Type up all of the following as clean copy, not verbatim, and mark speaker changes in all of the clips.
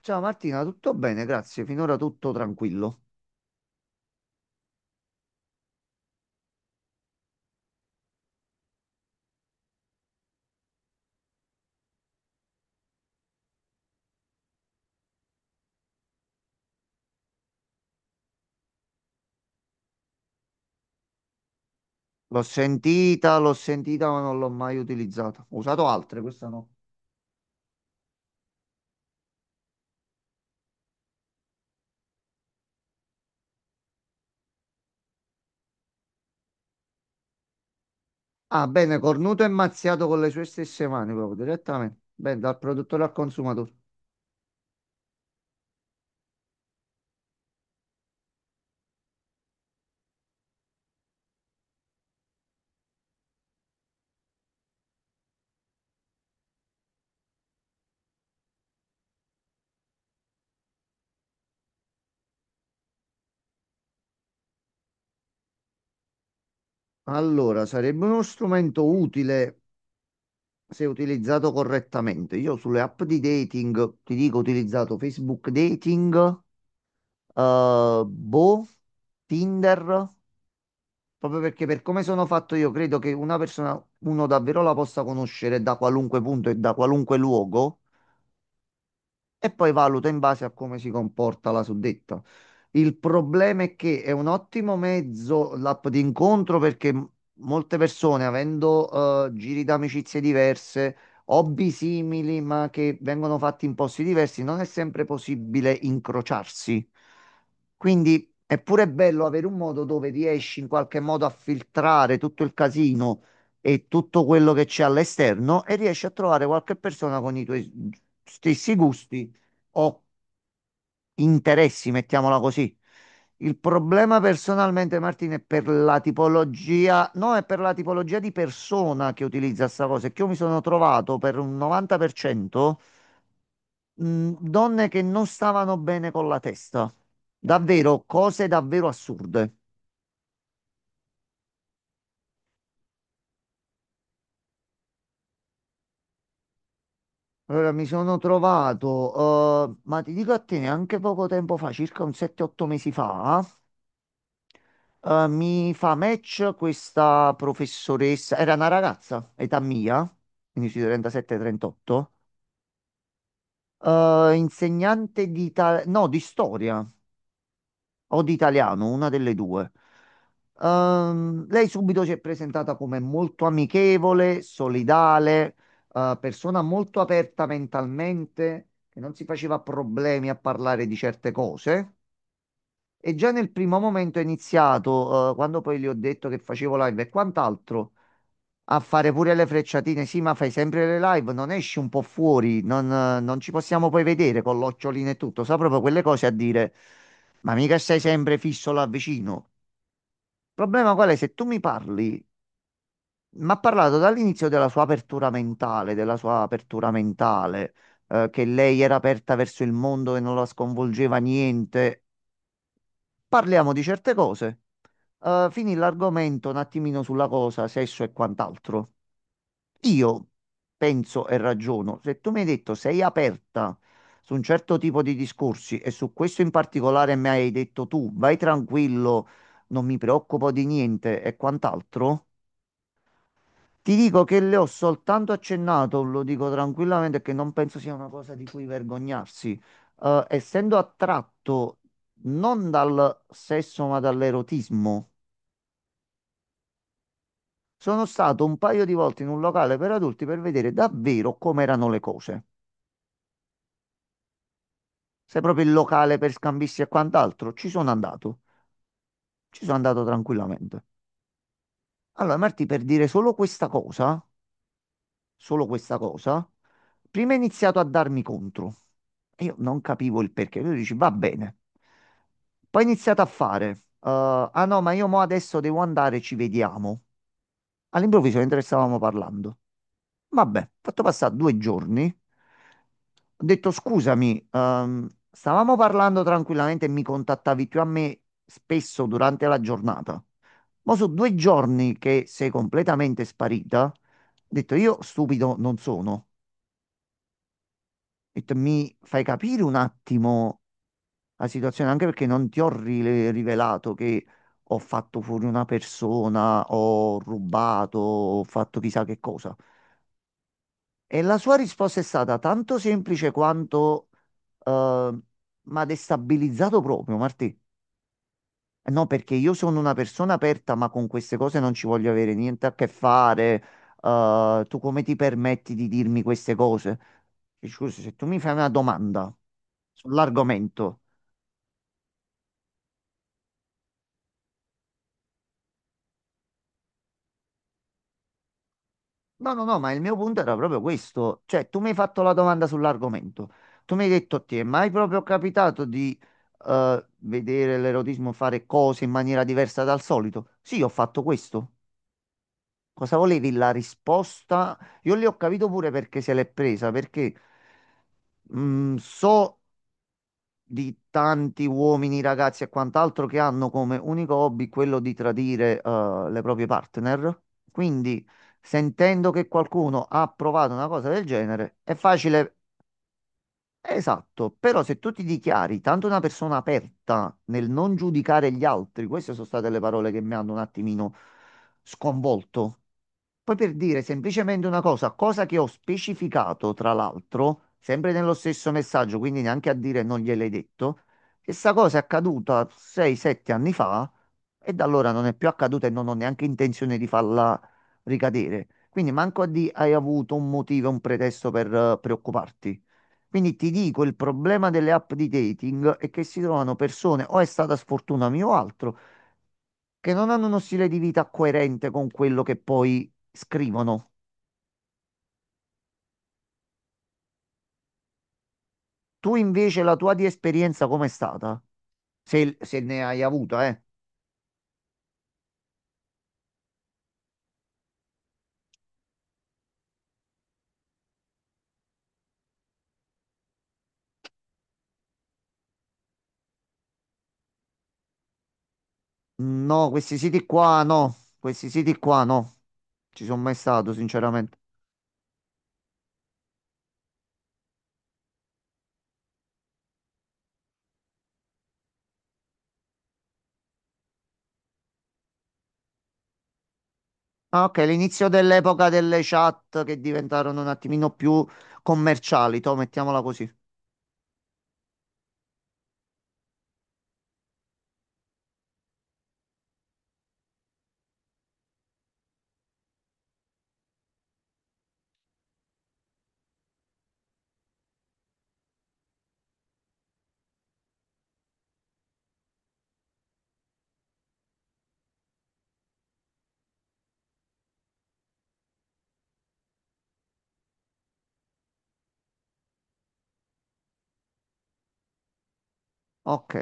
Speaker 1: Ciao Martina, tutto bene? Grazie. Finora tutto tranquillo. L'ho sentita, ma non l'ho mai utilizzata. Ho usato altre, questa no. Ah, bene, cornuto e mazziato con le sue stesse mani, proprio direttamente. Bene, dal produttore al consumatore. Allora, sarebbe uno strumento utile se utilizzato correttamente. Io sulle app di dating, ti dico, ho utilizzato Facebook Dating, Boh, Tinder. Proprio perché per come sono fatto io, credo che una persona, uno davvero la possa conoscere da qualunque punto e da qualunque luogo, e poi valuto in base a come si comporta la suddetta. Il problema è che è un ottimo mezzo l'app di incontro perché molte persone, avendo giri d'amicizie diverse, hobby simili, ma che vengono fatti in posti diversi, non è sempre possibile incrociarsi. Quindi è pure bello avere un modo dove riesci in qualche modo a filtrare tutto il casino e tutto quello che c'è all'esterno e riesci a trovare qualche persona con i tuoi stessi gusti ho interessi, mettiamola così. Il problema personalmente, Martina, è per la tipologia, no, è per la tipologia di persona che utilizza sta cosa. È che io mi sono trovato per un 90% donne che non stavano bene con la testa. Davvero, cose davvero assurde. Allora, mi sono trovato, ma ti dico a te, neanche poco tempo fa, circa un 7-8 mesi fa. Mi fa match questa professoressa, era una ragazza, età mia, quindi sui 37-38, insegnante di, no, di storia o di italiano, una delle due. Lei subito si è presentata come molto amichevole, solidale, persona molto aperta mentalmente, che non si faceva problemi a parlare di certe cose. E già nel primo momento è iniziato, quando poi gli ho detto che facevo live e quant'altro, a fare pure le frecciatine. Sì, ma fai sempre le live, non esci un po' fuori, non, non ci possiamo poi vedere con l'occhiolino e tutto. Sa proprio quelle cose a dire, ma mica stai sempre fisso là vicino. Il problema qual è? Se tu mi parli, mi ha parlato dall'inizio della sua apertura mentale, della sua apertura mentale, che lei era aperta verso il mondo e non la sconvolgeva niente parliamo di certe cose. Finì l'argomento un attimino sulla cosa, sesso e quant'altro. Io penso e ragiono, se tu mi hai detto sei aperta su un certo tipo di discorsi e su questo in particolare mi hai detto tu vai tranquillo, non mi preoccupo di niente e quant'altro, ti dico che le ho soltanto accennato, lo dico tranquillamente, che non penso sia una cosa di cui vergognarsi. Essendo attratto non dal sesso ma dall'erotismo, sono stato un paio di volte in un locale per adulti per vedere davvero com'erano le cose. Se proprio il locale per scambisti e quant'altro, ci sono andato. Ci sono andato tranquillamente. Allora, Marti, per dire solo questa cosa. Solo questa cosa, prima ha iniziato a darmi contro. E io non capivo il perché. Lui dice, va bene. Poi ha iniziato a fare, ah no, ma io mo adesso devo andare, ci vediamo. All'improvviso, mentre stavamo parlando. Vabbè, ho fatto passare 2 giorni. Ho detto, scusami, stavamo parlando tranquillamente e mi contattavi più a me spesso durante la giornata. Ma sono 2 giorni che sei completamente sparita. Ho detto, io stupido non sono. Ho detto, mi fai capire un attimo la situazione, anche perché non ti ho rivelato che ho fatto fuori una persona, ho rubato, ho fatto chissà che cosa. E la sua risposta è stata tanto semplice quanto, eh, ma destabilizzato proprio, Martì. No, perché io sono una persona aperta, ma con queste cose non ci voglio avere niente a che fare. Tu come ti permetti di dirmi queste cose? E scusa, se tu mi fai una domanda sull'argomento. No, no, no, ma il mio punto era proprio questo. Cioè, tu mi hai fatto la domanda sull'argomento. Tu mi hai detto, ti è mai proprio capitato di vedere l'erotismo fare cose in maniera diversa dal solito? Sì, ho fatto questo. Cosa volevi la risposta? Io lì ho capito pure perché se l'è presa, perché so di tanti uomini, ragazzi e quant'altro che hanno come unico hobby quello di tradire le proprie partner. Quindi, sentendo che qualcuno ha provato una cosa del genere, è facile. Esatto, però se tu ti dichiari tanto una persona aperta nel non giudicare gli altri, queste sono state le parole che mi hanno un attimino sconvolto. Poi per dire semplicemente una cosa, cosa che ho specificato tra l'altro, sempre nello stesso messaggio, quindi neanche a dire non gliel'hai detto, questa cosa è accaduta 6-7 anni fa e da allora non è più accaduta e non ho neanche intenzione di farla ricadere. Quindi manco a di hai avuto un motivo, un pretesto per preoccuparti. Quindi ti dico, il problema delle app di dating è che si trovano persone, o è stata sfortuna mia o altro, che non hanno uno stile di vita coerente con quello che poi scrivono. Tu invece la tua di esperienza com'è stata? Se, se ne hai avuta, eh? No, questi siti qua no, questi siti qua no. Ci sono mai stato, sinceramente. Ah, ok, l'inizio dell'epoca delle chat che diventarono un attimino più commerciali, to, mettiamola così. Ok.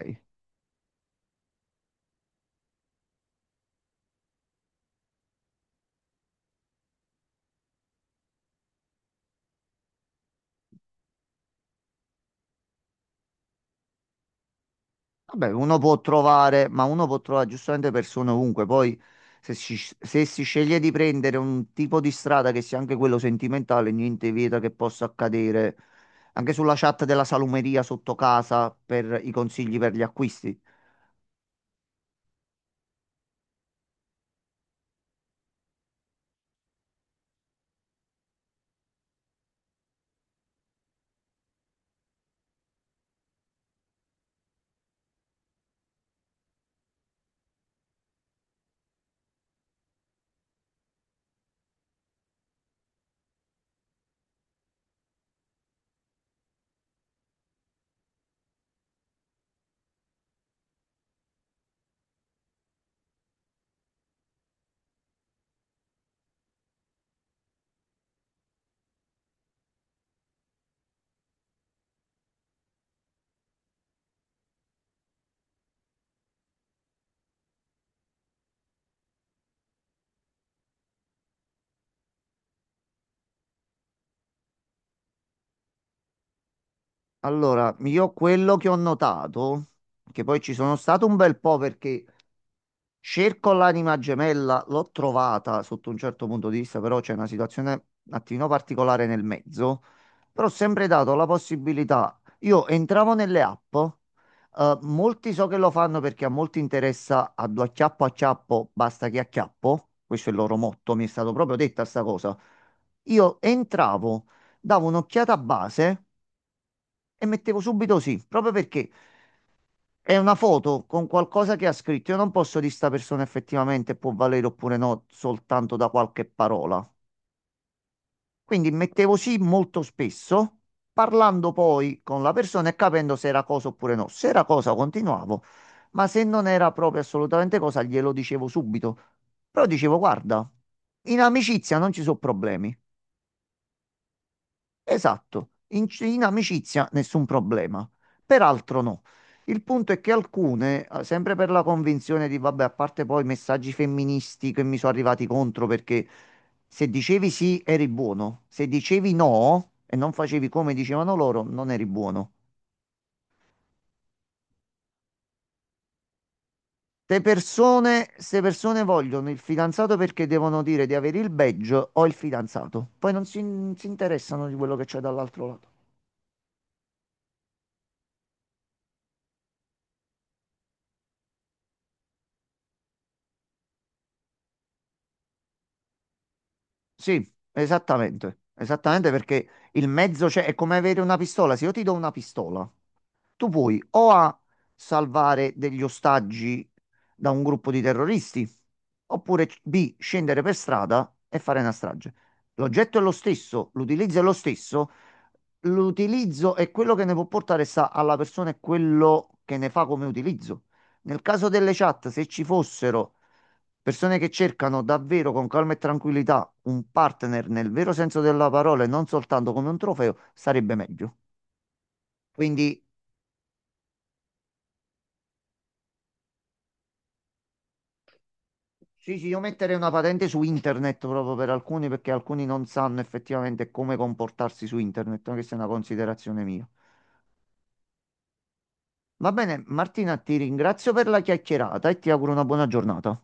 Speaker 1: Vabbè, uno può trovare, ma uno può trovare giustamente persone ovunque. Poi, se si, se si sceglie di prendere un tipo di strada che sia anche quello sentimentale, niente vieta che possa accadere anche sulla chat della salumeria sotto casa per i consigli per gli acquisti. Allora, io quello che ho notato, che poi ci sono stato un bel po' perché. Cerco l'anima gemella, l'ho trovata sotto un certo punto di vista, però c'è una situazione un attimino particolare nel mezzo. Però ho sempre dato la possibilità. Io entravo nelle app, molti so che lo fanno perché a molti interessa a due acchiappo acchiappo, basta che acchiappo. Questo è il loro motto, mi è stato proprio detta sta cosa. Io entravo, davo un'occhiata a base e mettevo subito sì, proprio perché. È una foto con qualcosa che ha scritto. Io non posso dire sta persona effettivamente può valere oppure no, soltanto da qualche parola. Quindi mettevo sì molto spesso, parlando poi con la persona e capendo se era cosa oppure no. Se era cosa continuavo, ma se non era proprio assolutamente cosa glielo dicevo subito. Però dicevo, guarda, in amicizia non ci sono problemi. Esatto, in amicizia nessun problema, peraltro no. Il punto è che alcune, sempre per la convinzione di, vabbè, a parte poi messaggi femministi che mi sono arrivati contro perché se dicevi sì eri buono, se dicevi no e non facevi come dicevano loro, non eri buono. Ste persone vogliono il fidanzato perché devono dire di avere il badge o il fidanzato, poi non si, si interessano di quello che c'è dall'altro lato. Sì, esattamente, esattamente perché il mezzo c'è, è come avere una pistola. Se io ti do una pistola, tu puoi o a salvare degli ostaggi da un gruppo di terroristi, oppure B, scendere per strada e fare una strage. L'oggetto è lo stesso, l'utilizzo è lo stesso, l'utilizzo è quello che ne può portare sta alla persona e quello che ne fa come utilizzo. Nel caso delle chat, se ci fossero persone che cercano davvero con calma e tranquillità un partner nel vero senso della parola e non soltanto come un trofeo, sarebbe meglio. Quindi sì, sì, io metterei una patente su internet proprio per alcuni perché alcuni non sanno effettivamente come comportarsi su internet, anche se è una considerazione mia. Va bene, Martina, ti ringrazio per la chiacchierata e ti auguro una buona giornata.